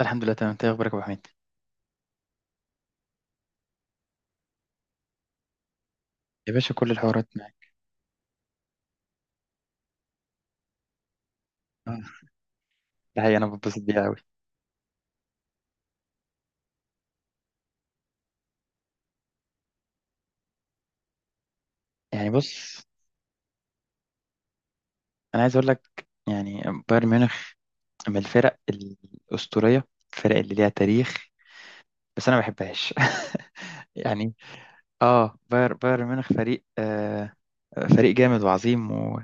الحمد لله، تمام. انت ايه اخبارك يا ابو حميد؟ يا باشا، كل الحوارات معاك. اه. ده حقيقي، انا بتبسط بيها قوي. يعني بص، انا عايز اقول لك يعني، بايرن ميونخ من الفرق الاسطوريه، الفرق اللي ليها تاريخ. بس انا ما بحبهاش. يعني، بايرن ميونخ فريق فريق جامد وعظيم، و...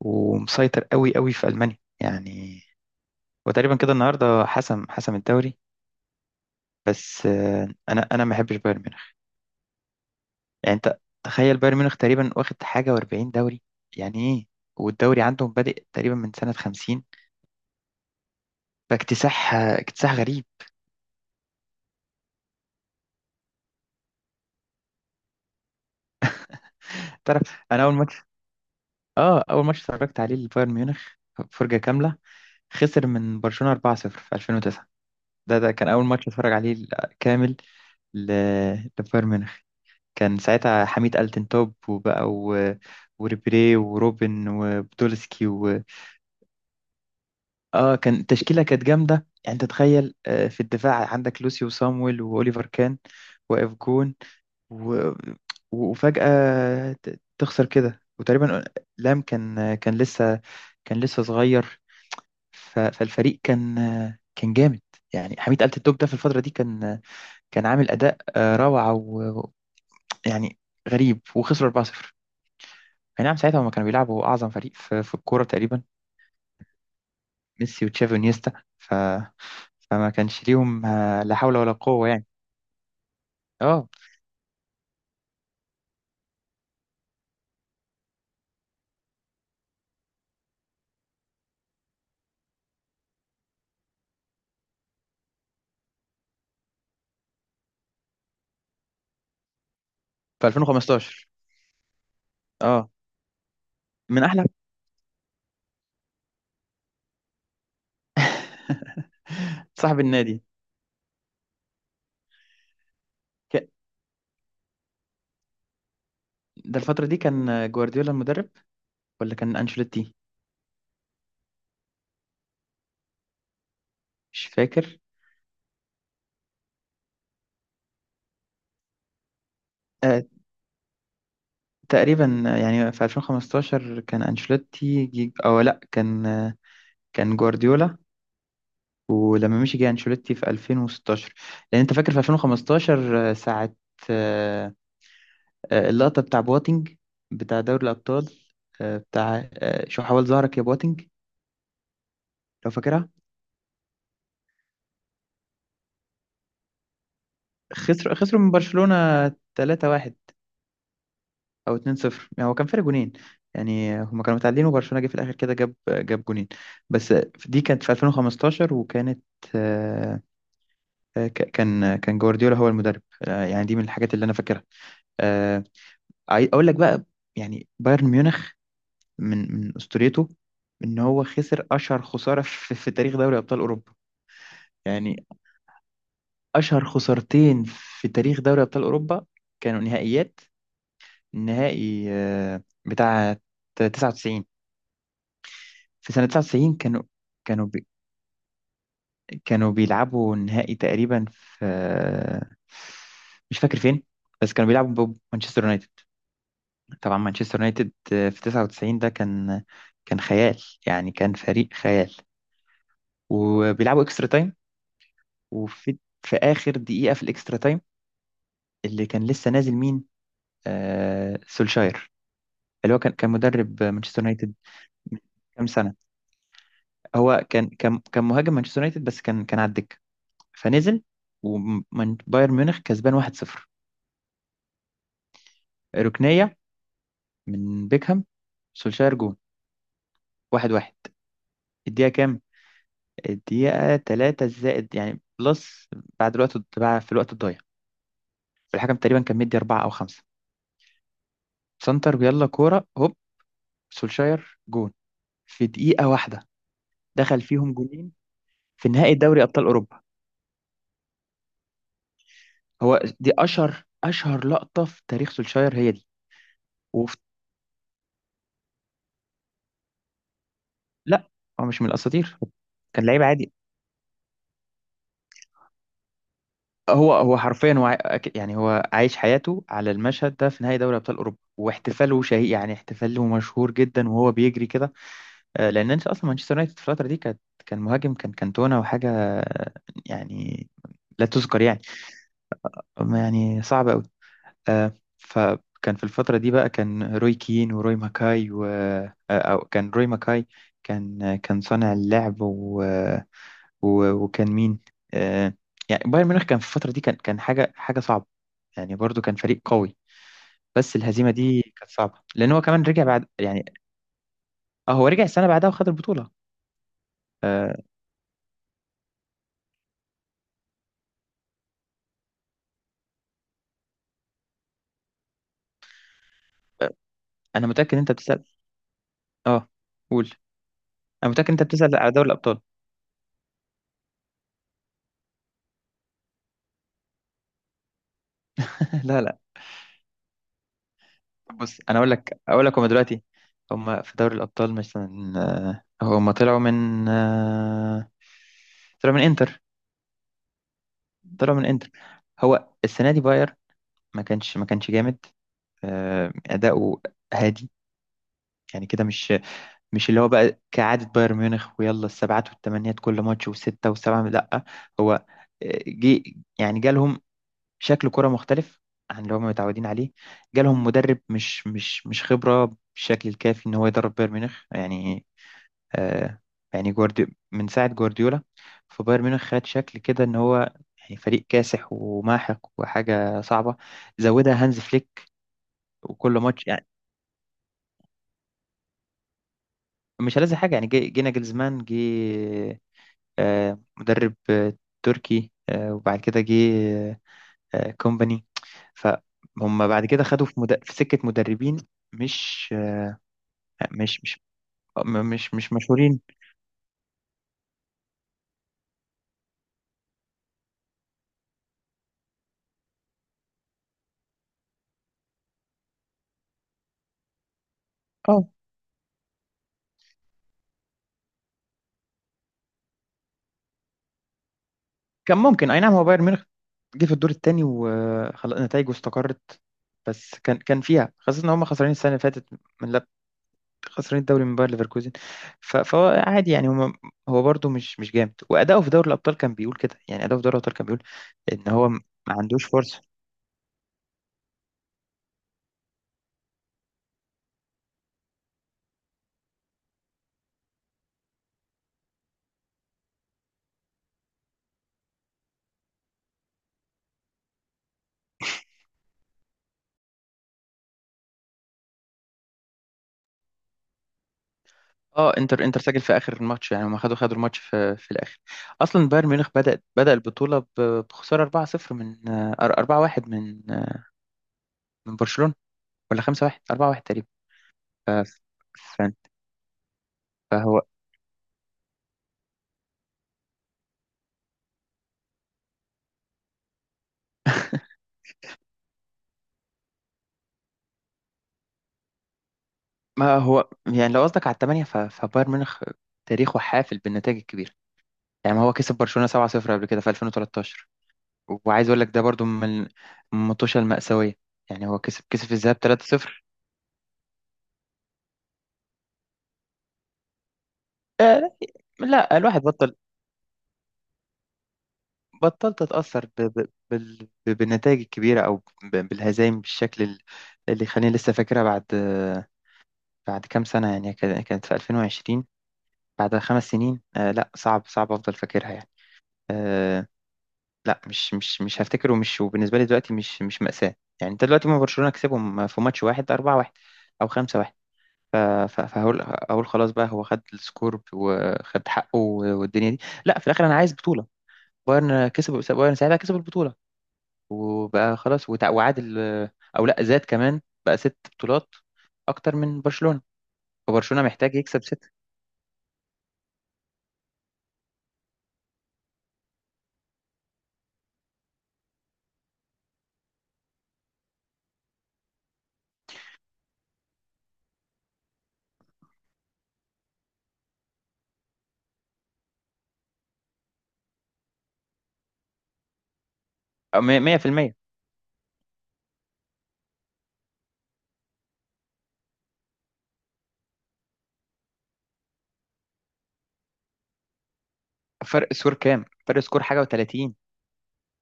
ومسيطر قوي قوي في المانيا يعني. وتقريبا كده النهارده حسم الدوري. بس، انا ما بحبش بايرن ميونخ. يعني انت تخيل، بايرن ميونخ تقريبا واخد حاجه و40 دوري، يعني ايه؟ والدوري عندهم بادئ تقريبا من سنه 50، فاكتساح، اكتساح غريب. تعرف، انا اول ماتش اتفرجت عليه لبايرن ميونخ، فرجه كامله، خسر من برشلونه 4-0 في 2009. ده كان اول ماتش اتفرج عليه كامل، ل- لبايرن ميونخ. كان ساعتها حميد التنتوب وبقى، و... وريبيري وروبن وبدولسكي. اه، كان التشكيله كانت جامده. يعني انت تخيل، في الدفاع عندك لوسيو وصامويل واوليفر كان، واقف جون، و... وفجاه تخسر كده وتقريبا، لام كان لسه صغير. فالفريق كان، جامد. يعني حميد آلة الدوب ده في الفتره دي كان، عامل اداء روعه. ويعني غريب، وخسروا 4-0. اي نعم، ساعتها هما كانوا بيلعبوا اعظم فريق في الكوره تقريبا، ميسي وتشافي ونيستا. فما كانش ليهم، لا حول ولا قوة يعني. اه، في 2015. اه، من احلى. صاحب النادي. ك- ده الفترة دي كان جوارديولا المدرب ولا كان انشيلوتي؟ مش فاكر. آه تقريبا، يعني في 2015 كان انشيلوتي او لا، كان جوارديولا، ولما مشي جه انشيلوتي في 2016. لان انت فاكر في 2015، ساعة، آه، اللقطة بتاع بواتينج، بتاع دوري الابطال، بتاع، شو حاول ظهرك يا بواتينج، لو فاكرها. خسروا من برشلونة 3-1 او 2-0، يعني هو كان فرق جونين. يعني هما كانوا متعادلين، وبرشلونة جه في الاخر كده جاب جونين بس. دي كانت في 2015، وكانت، آه، كان جوارديولا هو المدرب. يعني دي من الحاجات اللي انا فاكرها. آه، اقول لك بقى، يعني بايرن ميونخ من اسطوريته ان هو خسر اشهر خسارة في تاريخ دوري ابطال اوروبا. يعني اشهر خسارتين في تاريخ دوري ابطال اوروبا. كانوا نهائيات، النهائي بتاع 99. في سنة 99 كانوا، كانوا بي كانوا بيلعبوا النهائي تقريبا في، مش فاكر فين، بس كانوا بيلعبوا بمانشستر يونايتد. طبعا مانشستر يونايتد في 99 ده كان، خيال. يعني كان فريق خيال، وبيلعبوا اكسترا تايم، وفي في آخر دقيقة في الاكسترا تايم، اللي كان لسه نازل مين؟ سولشاير، اللي هو كان مدرب مانشستر يونايتد من كام سنة. هو كان مهاجم مانشستر يونايتد، بس كان على الدكه، فنزل. وبايرن ميونخ كسبان 1-0، ركنيه من بيكهام، سولشاير جون، 1-1. الدقيقه كام؟ الدقيقه 3 زائد يعني بلس، بعد الوقت، بعد في الوقت الضايع. الحكم تقريبا كان مدي 4 او 5. سنتر، يلا كوره هوب، سولشاير جون، في دقيقه واحده دخل فيهم جونين في نهائي دوري ابطال اوروبا. هو دي اشهر، اشهر لقطه في تاريخ سولشاير هي دي. وفي لا، هو مش من الاساطير، كان لعيب عادي. هو حرفيا، هو يعني هو عايش حياته على المشهد ده في نهائي دوري ابطال اوروبا، واحتفاله شهي، يعني احتفاله مشهور جدا وهو بيجري كده. لان انت اصلا، مانشستر يونايتد في الفتره دي كانت، كان مهاجم، كان كانتونا وحاجه، يعني لا تذكر يعني، أما يعني صعب قوي. فكان في الفترة دي بقى، كان روي كين وروي ماكاي و آه، أو كان روي ماكاي، كان صانع اللعب، و... و... وكان مين، آه، يعني بايرن ميونخ كان في الفترة دي، كان حاجة، حاجة صعبة. يعني برضو كان فريق قوي، بس الهزيمة دي كانت صعبة لأن هو كمان رجع بعد يعني. اه، هو رجع السنة بعدها وخد البطولة. آه، أنا متأكد إن أنت بتسأل. اه، قول. أنا متأكد إن أنت بتسأل على دوري الأبطال. لا، لا، بص انا اقول لك اقول لك هما دلوقتي، هما في دوري الابطال مثلا، هما طلعوا من انتر. طلعوا من انتر. هو السنه دي ما كانش جامد، اداؤه هادي، يعني كده مش اللي هو بقى كعاده بايرن ميونخ ويلا السبعات والثمانيات كل ماتش وسته وسبعه، لا. هو آه، جه يعني جالهم شكل كرة مختلف عن اللي هم متعودين عليه. جالهم مدرب مش خبرة بالشكل الكافي ان هو يدرب بايرن ميونخ يعني. آه يعني من ساعة جوارديولا، فبايرن ميونخ خد شكل كده ان هو يعني فريق كاسح وماحق وحاجة صعبة. زودها هانز فليك، وكل ماتش يعني مش لازم حاجة. يعني جينا جلزمان جه، مدرب تركي، وبعد كده جه كومباني. فهم بعد كده خدوا في سكة مدربين مش مش مش مش مشهورين. اه، كان ممكن اي نعم. هو بايرن ميونخ جه في الدور الثاني، وخلاص نتائجه استقرت. بس كان فيها خاصة ان هم خسرانين السنة اللي فاتت، من لب... خسرانين الدوري من باير ليفركوزن. فهو عادي يعني، هم، هو برده مش جامد، واداؤه في دوري الابطال كان بيقول كده، يعني اداؤه في دوري الابطال كان بيقول ان هو ما عندوش فرصة. اه، انتر سجل في اخر الماتش، يعني هم خدوا الماتش في الاخر. اصلا بايرن ميونخ بدأ البطوله بخساره 4-0 من 4-1 من برشلونه، ولا 5-1، 4-1 تقريبا. ف- ف- فهو، ما هو يعني لو قصدك على الثمانيه، فبايرن ميونخ تاريخه حافل بالنتائج الكبيره. يعني ما هو كسب برشلونه 7-0 قبل كده في 2013، وعايز اقول لك ده برضو من المطوشه المأساويه. يعني هو كسب في الذهاب 3-0. آه، لا، الواحد بطل، بطلت اتاثر بالنتائج الكبيره، او بالهزايم بالشكل اللي خليني لسه فاكرها بعد، كام سنه يعني، كانت في 2020، بعد 5 سنين. لا، صعب، صعب افضل فاكرها يعني. آه لا، مش هفتكره، مش وبالنسبه لي دلوقتي مش مأساة. يعني انت دلوقتي، ما برشلونه كسبهم في ماتش واحد 4-1 او 5-1، ف- فهقول، اقول خلاص بقى هو خد السكور وخد حقه والدنيا دي. لا، في الاخر انا عايز بطوله. بايرن كسب، بايرن ساعتها كسب البطوله، وبقى خلاص، وعادل، او لا، زاد كمان بقى ست بطولات اكتر من برشلونة. فبرشلونة محتاج يكسب ستة، أو 100%. فرق سكور كام؟ فرق سكور حاجة و30،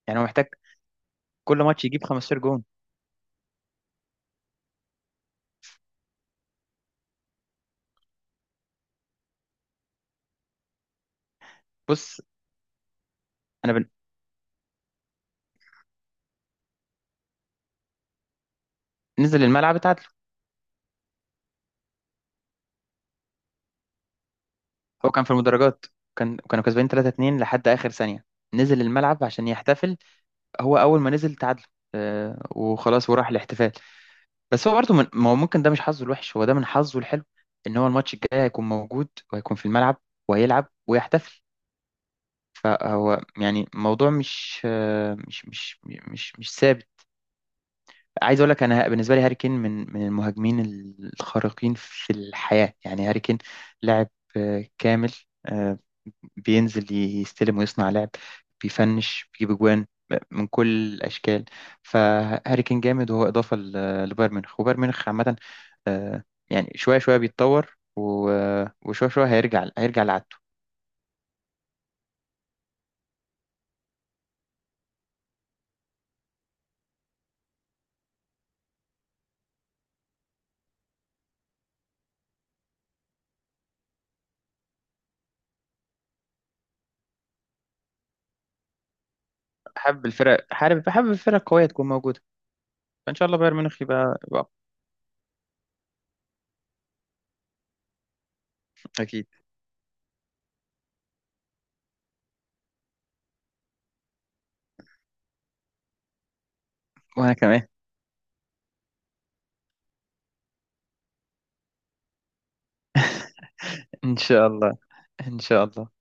يعني هو محتاج كل ماتش يجيب 15 جون. بص انا نزل الملعب اتعادل. هو كان في المدرجات، كانوا كسبانين 3-2 لحد اخر ثانية، نزل الملعب عشان يحتفل. هو اول ما نزل تعادل، وخلاص، وراح الاحتفال. بس هو برضه، ما هو ممكن ده مش حظه الوحش، هو ده من حظه الحلو، ان هو الماتش الجاي هيكون موجود وهيكون في الملعب وهيلعب ويحتفل. فهو يعني الموضوع مش آه، مش مش مش مش ثابت. عايز اقول لك، انا بالنسبه لي هاري كين من المهاجمين الخارقين في الحياه، يعني هاري كين لاعب كامل، آه، بينزل يستلم ويصنع لعب، بيفنش، بيجيب اجوان من كل الاشكال. فهاري كين جامد، وهو اضافه لبايرن ميونخ. وبايرن ميونخ عامه، آه، يعني شوية شوية بيتطور و- آه، وشوية شوية هيرجع لعادته. حابب الفرق، حابب الفرق القوية تكون موجودة. فإن شاء الله بايرن ميونخ يبقى أقوى. أكيد. وأنا كمان. إن شاء الله، إن شاء الله.